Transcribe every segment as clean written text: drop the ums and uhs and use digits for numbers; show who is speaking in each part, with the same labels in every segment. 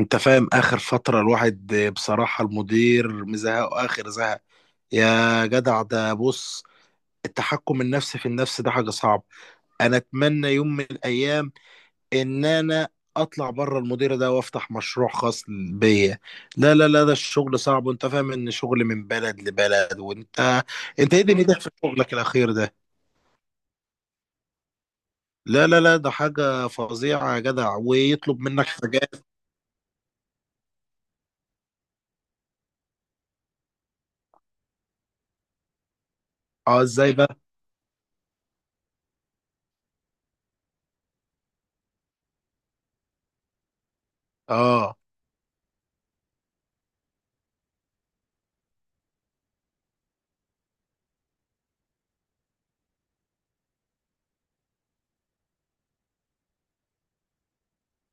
Speaker 1: انت فاهم اخر فترة الواحد بصراحة المدير مزهق اخر زهق. يا جدع ده بص، التحكم النفسي في النفس ده حاجة صعبة. انا اتمنى يوم من الايام ان انا اطلع بره المدير ده وافتح مشروع خاص بيا. لا لا لا، ده الشغل صعب وانت فاهم ان شغل من بلد لبلد وانت. انت ايه دنيتك في شغلك الاخير ده؟ لا لا لا، ده حاجة فظيعة يا جدع ويطلب منك حاجات. اه ازاي بقى؟ اه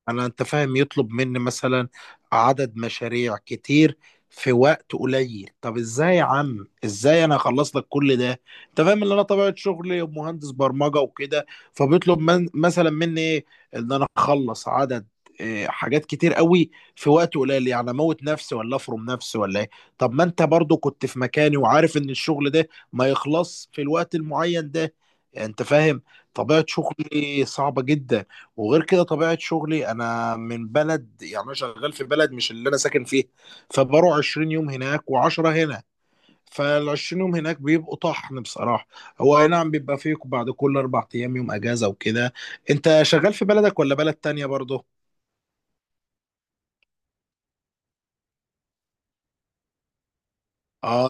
Speaker 1: انا انت فاهم يطلب مني مثلا عدد مشاريع كتير في وقت قليل. طب ازاي يا عم؟ ازاي انا اخلص لك كل ده؟ انت فاهم ان انا طبيعة شغلي مهندس برمجة وكده، فبيطلب مثلا مني ايه؟ ان انا اخلص عدد حاجات كتير قوي في وقت قليل، يعني اموت نفسي ولا افرم نفسي ولا ايه؟ طب ما انت برضو كنت في مكاني وعارف ان الشغل ده ما يخلص في الوقت المعين ده، انت فاهم. طبيعة شغلي صعبة جدا. وغير كده طبيعة شغلي، أنا من بلد، يعني أنا شغال في بلد مش اللي أنا ساكن فيه. فبروح 20 يوم هناك و10 هنا، فال 20 يوم هناك بيبقوا طحن بصراحة. هو أي نعم بيبقى فيه بعد كل أربع أيام يوم أجازة وكده. أنت شغال في بلدك ولا بلد تانية برضه؟ أه.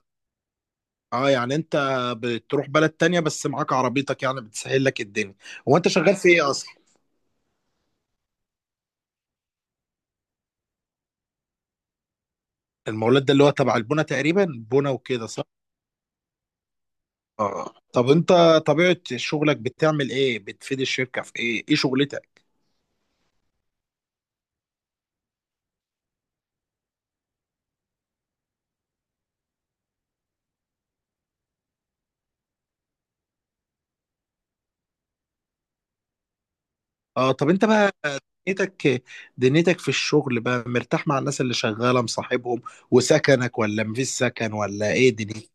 Speaker 1: أه يعني أنت بتروح بلد تانية بس معاك عربيتك، يعني بتسهل لك الدنيا. هو أنت شغال في إيه أصلا؟ المولد ده اللي هو تبع البنا تقريبا، بنا وكده صح؟ اه طب انت طبيعة شغلك بتعمل ايه؟ بتفيد الشركة في ايه؟ ايه شغلتك؟ اه طب انت بقى دنيتك دنيتك في الشغل بقى، مرتاح مع الناس اللي شغالة مصاحبهم وسكنك، ولا مفيش سكن، ولا ايه دنيتك؟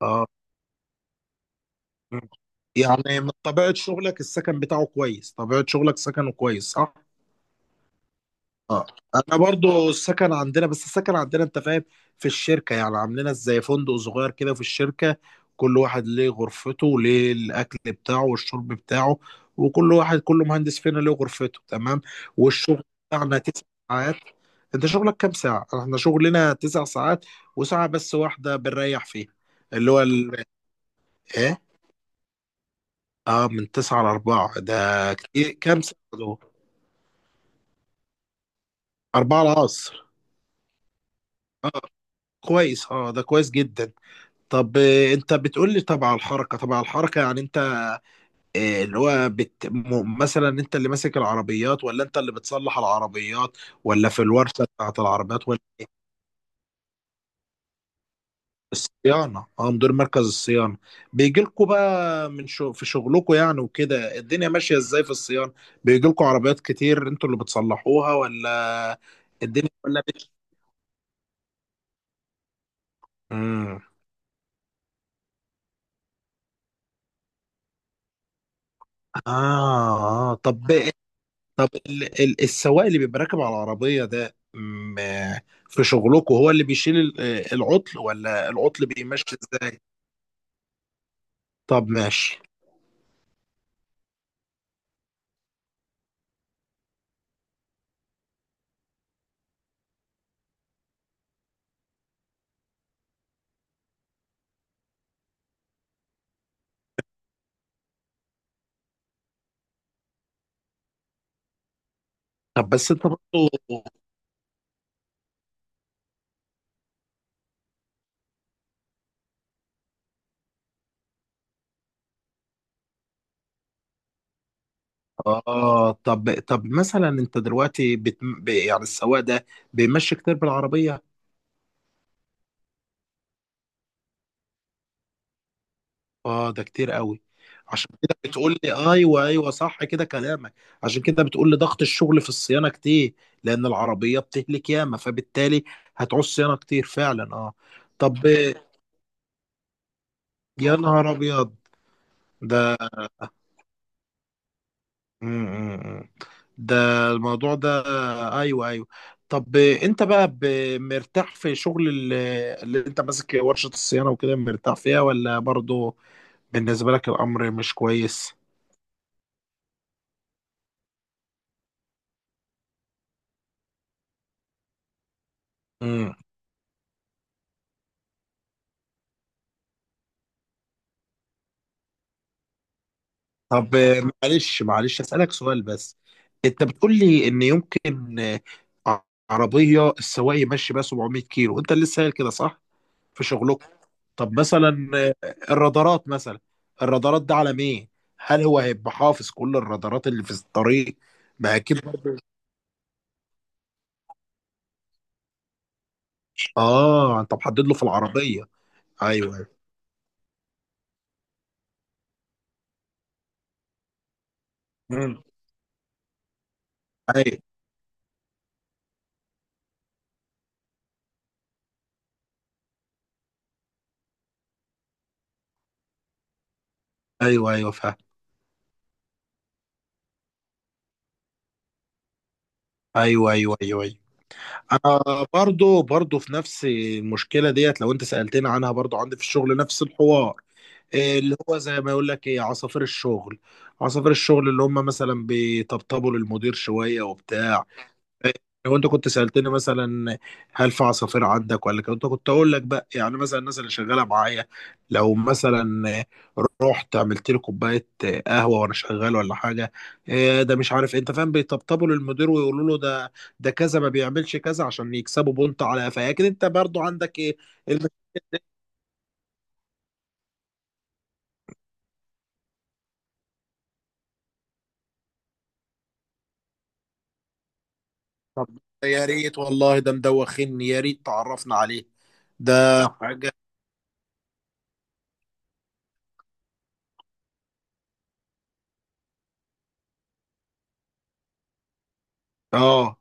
Speaker 1: اه يعني من طبيعة شغلك السكن بتاعه كويس، طبيعة شغلك سكنه كويس صح؟ اه انا برضو السكن عندنا، بس السكن عندنا انت فاهم في الشركه يعني عاملينها زي فندق صغير كده في الشركه. كل واحد ليه غرفته وليه الاكل بتاعه والشرب بتاعه، وكل واحد كل مهندس فينا ليه غرفته تمام. والشغل بتاعنا تسع ساعات. انت شغلك كام ساعه؟ احنا شغلنا تسع ساعات وساعه بس واحده بنريح فيها، اللي هو ايه. اه من تسعة لأربعة ده كتير، كام ساعة دول؟ أربعة العصر. اه كويس، اه ده كويس جدا. طب انت بتقول لي طبعا الحركه، طبعا الحركه يعني انت، اللي هو مثلا، انت اللي ماسك العربيات ولا انت اللي بتصلح العربيات، ولا في الورشه بتاعت العربيات ولا؟ في الصيانه. اه مدير مركز الصيانه، بيجي لكم بقى في شغلكم يعني، وكده الدنيا ماشيه ازاي في الصيانه؟ بيجي لكم عربيات كتير انتوا اللي بتصلحوها ولا الدنيا مم. اه آه. طب ال- ال- السواق اللي بيبقى راكب على العربية ده في شغلكم، هو اللي بيشيل العطل ولا العطل بيمشي؟ ازاي؟ طب ماشي. طب بس انت برضه، اه طب مثلا انت دلوقتي يعني السواق ده بيمشي كتير بالعربية؟ اه ده كتير قوي. عشان كده بتقول لي، ايوه ايوه صح كده كلامك. عشان كده بتقول لي ضغط الشغل في الصيانة كتير، لان العربية بتهلك ياما، فبالتالي هتعوز صيانة كتير فعلا اه. طب يا نهار ابيض، ده م- م- م. ده الموضوع ده، ايوه ايوه. طب انت بقى مرتاح في شغل اللي انت ماسك ورشة الصيانة وكده، مرتاح فيها ولا برضو بالنسبة لك الامر مش كويس؟ امم. طب معلش معلش اسألك سؤال بس. انت بتقول لي ان يمكن عربية السواق يمشي بقى 700 كيلو، انت اللي لسه قايل كده صح في شغلكم؟ طب مثلا الرادارات مثلا، الرادارات ده على ايه؟ هل هو هيبقى حافظ كل الرادارات اللي في الطريق؟ ما اكيد برضه. اه انت محدد له في العربيه. ايوه ايوه. مم. ايوه ايوه ايوه فاهم. ايوه ايوه ايوه ايوه. انا برضو برضو في نفس المشكله ديت، لو انت سالتني عنها برضو عندي في الشغل نفس الحوار. إيه اللي هو زي ما يقول لك، ايه عصافير الشغل؟ عصافير الشغل اللي هم مثلا بيطبطبوا للمدير شويه وبتاع. لو انت كنت سألتني مثلا، هل في عصافير عندك ولا، كنت اقول لك بقى يعني مثلا الناس اللي شغاله معايا. لو مثلا رحت عملت لي كوبايه قهوه وانا شغال ولا حاجه، إيه ده، مش عارف، انت فاهم، بيطبطبوا للمدير ويقولوا له، ده ده كذا ما بيعملش كذا عشان يكسبوا بونت على قفاه، لكن انت برضو عندك ايه المشاكل دي. طب يا ريت والله ده مدوخني، يا ريت تعرفنا عليه، ده حاجه. اه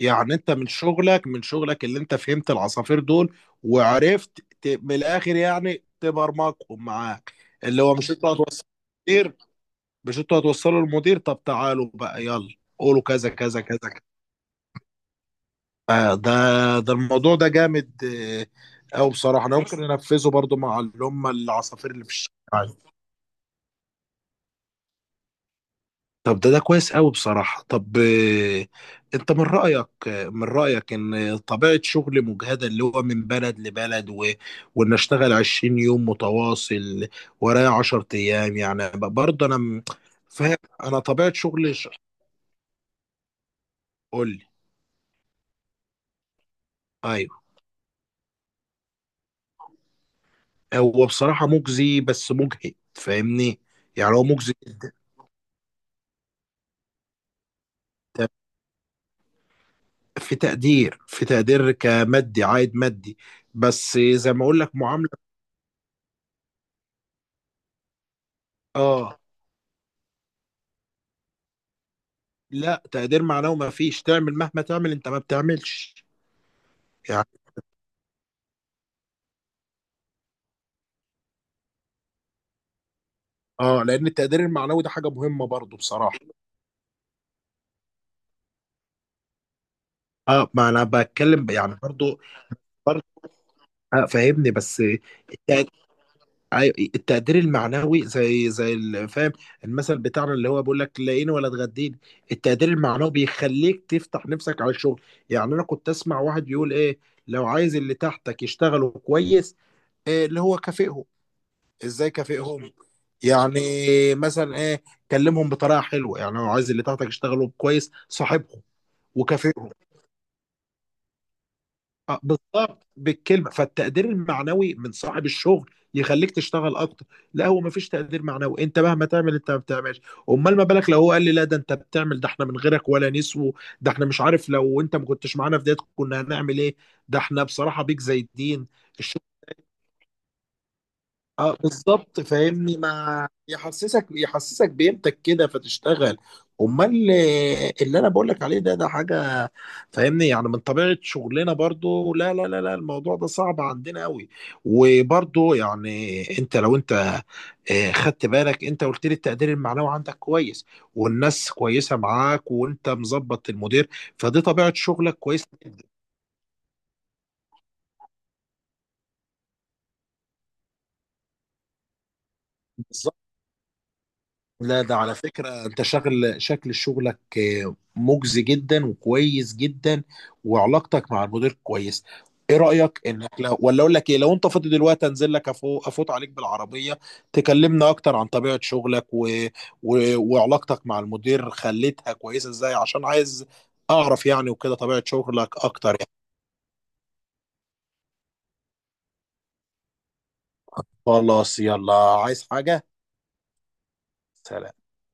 Speaker 1: يعني انت من شغلك، من شغلك اللي انت فهمت العصافير دول وعرفت من الاخر يعني تبرمجهم معاك. اللي هو مش انتوا هتوصلوا للمدير، مش انتوا هتوصلوا للمدير، طب تعالوا بقى يلا قولوا كذا كذا كذا كذا. آه ده، ده الموضوع ده جامد. او بصراحة انا ممكن انفذه برضو مع اللي هم العصافير اللي في الشارع. طب ده ده كويس قوي بصراحة. طب انت من رأيك، من رأيك ان طبيعة شغل مجهدة، اللي هو من بلد لبلد وان اشتغل 20 يوم متواصل ورايا 10 ايام، يعني برضه انا فاهم، انا طبيعة شغلي قول لي. ايوه هو بصراحة مجزي، بس مجهد فاهمني. يعني هو مجزي جدا. طب في تقدير؟ في تقدير عائد مادي؟ بس زي ما اقول لك معاملة، اه. لا تقدير معنوي ما فيش، تعمل مهما تعمل انت ما بتعملش يعني. اه لان التقدير المعنوي ده حاجه مهمه برضو بصراحه، اه ما انا بتكلم يعني برضو، برضو فاهمني بس التق- أيوة، التقدير المعنوي زي فاهم المثل بتاعنا اللي هو بيقول لك، لاقيني ولا تغديني. التقدير المعنوي بيخليك تفتح نفسك على الشغل. يعني انا كنت اسمع واحد يقول ايه، لو عايز اللي تحتك يشتغلوا كويس، إيه اللي هو كافئهم. ازاي كافئهم؟ يعني مثلا ايه؟ كلمهم بطريقه حلوه، يعني لو عايز اللي تحتك يشتغلوا كويس صاحبهم وكافئهم. بالظبط بالكلمه، فالتقدير المعنوي من صاحب الشغل يخليك تشتغل اكتر. لا هو مفيش تقدير معنوي، انت مهما تعمل انت ما بتعملش. امال ما بالك لو هو قال لي، لا ده انت بتعمل، ده احنا من غيرك ولا نسو، ده احنا مش عارف، لو انت ما كنتش معانا في ديت كنا هنعمل ايه، ده احنا بصراحه بيك زي الدين. اه بالظبط فاهمني، ما يحسسك بقيمتك كده فتشتغل. امال اللي انا بقول لك عليه ده، ده حاجه فاهمني. يعني من طبيعه شغلنا برضو، لا لا لا لا الموضوع ده صعب عندنا قوي. وبرضو يعني لو انت خدت بالك، انت قلت لي التقدير المعنوي عندك كويس، والناس كويسه معاك، وانت مظبط المدير، فدي طبيعه شغلك كويسه. لا ده على فكرة انت شكل شغلك مجزي جدا وكويس جدا، وعلاقتك مع المدير كويس. ايه رأيك انك لو، ولا اقول لك ايه، لو انت فاضي دلوقتي انزل لك، افوت عليك بالعربية، تكلمنا اكتر عن طبيعة شغلك وعلاقتك مع المدير خليتها كويسة ازاي، عشان عايز اعرف يعني وكده طبيعة شغلك اكتر يعني. خلاص يلا، عايز حاجة. سلام.